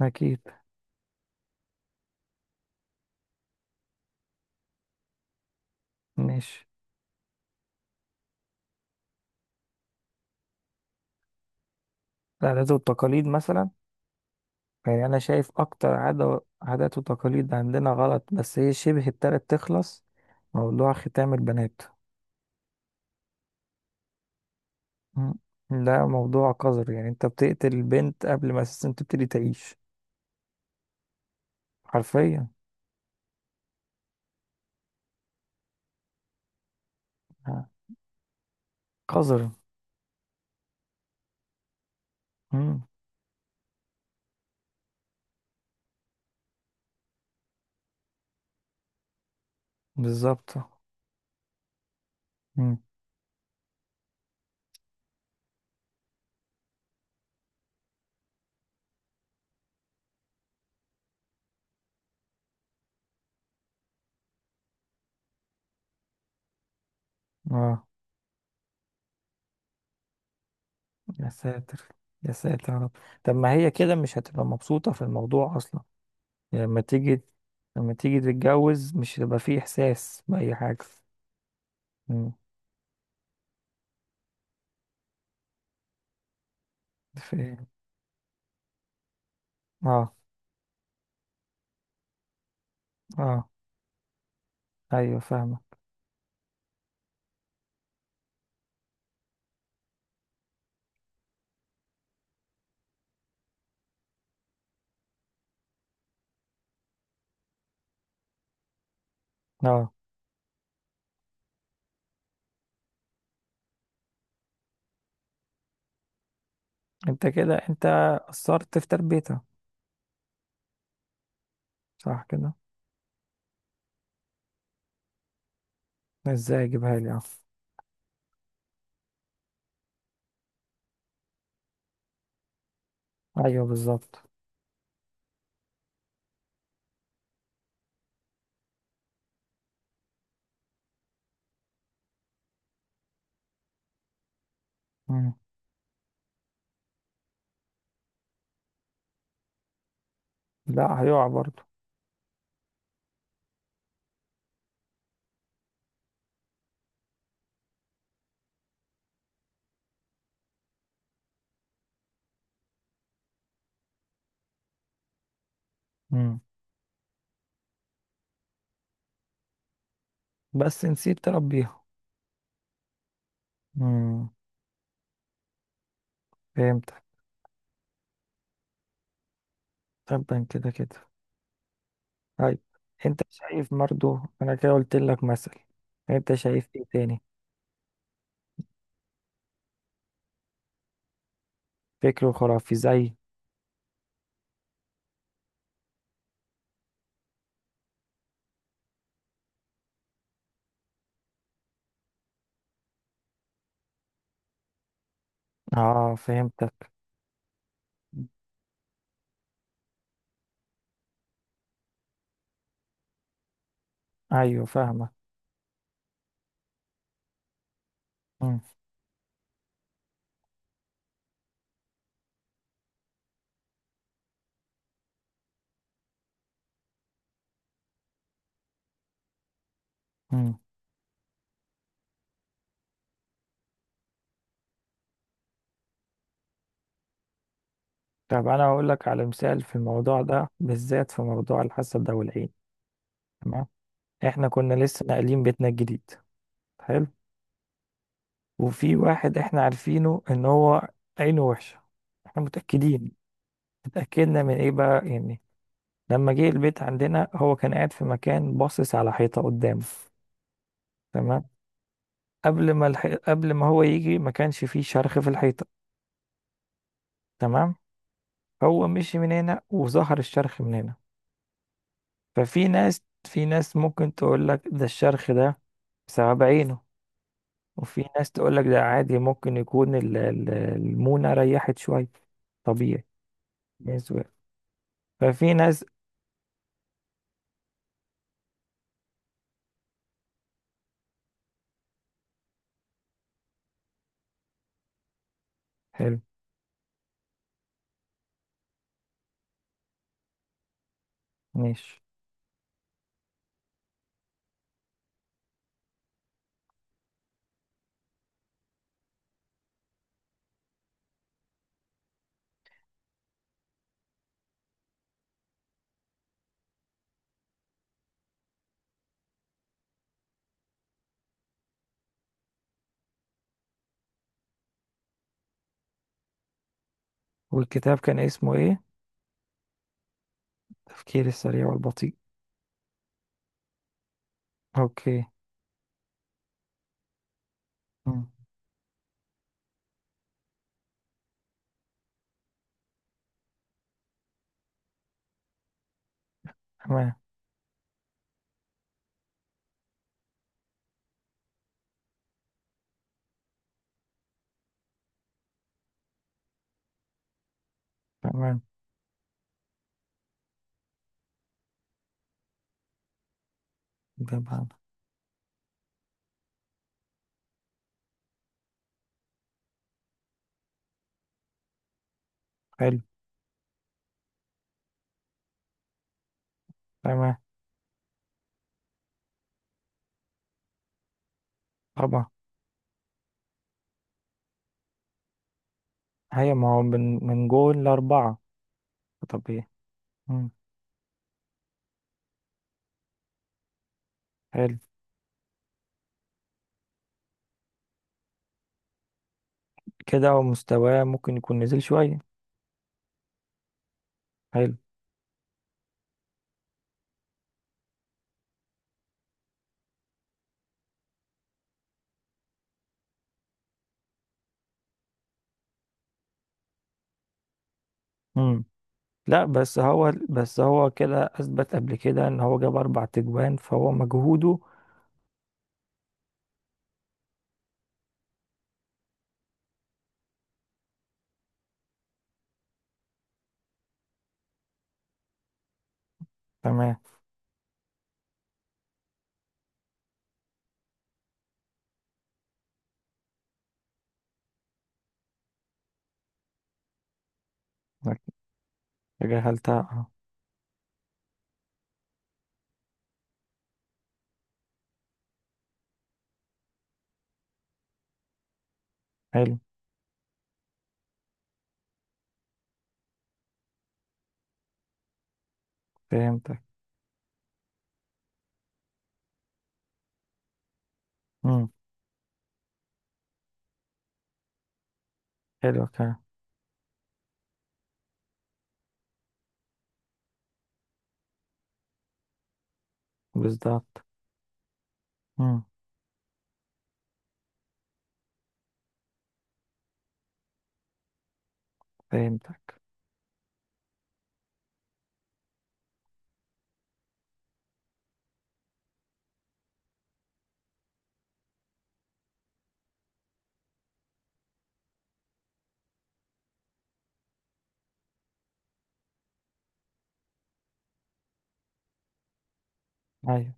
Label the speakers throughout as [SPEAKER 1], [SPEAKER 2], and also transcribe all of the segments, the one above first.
[SPEAKER 1] أكيد. ماشي. العادات والتقاليد مثلا؟ يعني أنا شايف أكتر عادة، عادات وتقاليد عندنا غلط، بس هي شبه ابتدت تخلص. موضوع ختام البنات. مم. ده موضوع قذر، يعني أنت بتقتل البنت قبل ما أساسا تبتدي تعيش حرفيا. آه. قذر. مم. بالظبط. مم. آه. يا ساتر. يا ساتر يا رب. طب ما هي كده مش هتبقى مبسوطة في الموضوع أصلا؟ يعني لما تيجي تتجوز مش هيبقى فيه إحساس بأي حاجة. فاهم. اه. اه. ايوه فاهمة. اه. انت قصرت في تربيتها. صح كده. ازاي اجيبها لي؟ اه. ايوه بالظبط. مم. لا هيقع برضو. مم. بس نسيت تربيها. مم. فهمتك. طبعا كده كده. طيب. انت شايف برضو، انا كده قلت لك مثل، انت شايف ايه تاني؟ فكر خرافي زي. اه فهمتك. ايوه فاهمة. مم. مم. طب انا هقول لك على مثال في الموضوع ده بالذات، في موضوع الحسد ده والعين. تمام. احنا كنا لسه ناقلين بيتنا الجديد. حلو. وفي واحد احنا عارفينه ان هو عينه وحشه، احنا متاكدين. اتاكدنا من ايه بقى يعني؟ لما جه البيت عندنا هو كان قاعد في مكان باصص على حيطه قدامه. تمام. قبل ما هو يجي ما كانش فيه شرخ في الحيطه. تمام. هو مشي من هنا وظهر الشرخ من هنا. ففي ناس، في ناس ممكن تقول لك ده، الشرخ ده بسبب عينه. وفي ناس تقول لك ده عادي، ممكن يكون المونة ريحت شوية، طبيعي. بالنسبة، ففي ناس. حلو. ماشي. والكتاب كان اسمه ايه؟ التفكير السريع والبطيء. اوكي. مم. تمام. تمام. تمام. حلو. تمام. طبعا. هي ما هو من جول لأربعة. طبيعي. مم. حلو، كده هو مستواه ممكن يكون نزل شوية. حلو. مم. لا، بس هو كده اثبت قبل كده ان هو جاب 4 تجوان، فهو مجهوده. تمام. تجاهلتها، اه. حلو. فهمتك. امم حلو كده. بالظبط. امم فهمتك. ايوه،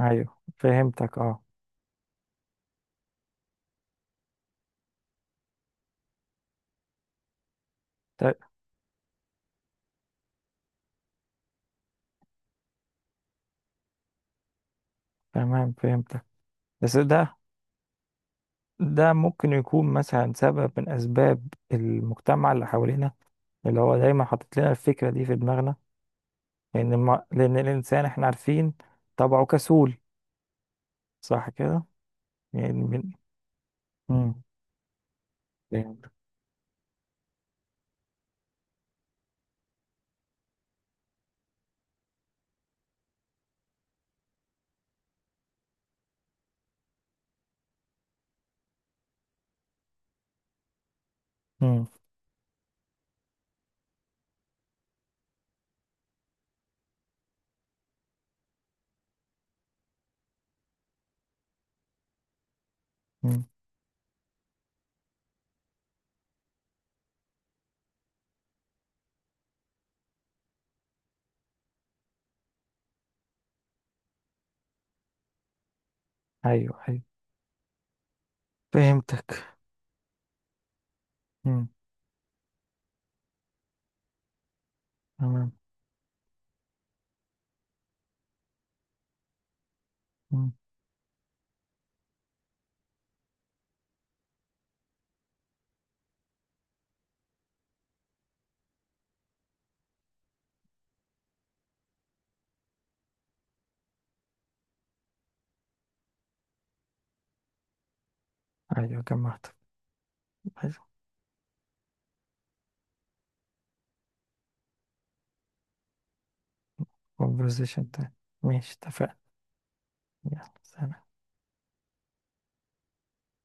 [SPEAKER 1] ايوه فهمتك، اه. ت- تمام فهمتك. بس ده ممكن يكون مثلا سبب من اسباب المجتمع اللي حوالينا، اللي هو دايما حاطط لنا الفكرة دي في دماغنا. لان ما لان الانسان احنا عارفين طبعه كسول. صح كده. يعني من. مم. فهمت. مم. مم. ايوه، ايوه فهمتك. مم. تمام. مم. ايوه جمعت. حلو. conversation تاني. ماشي، اتفقنا. يلا سلام.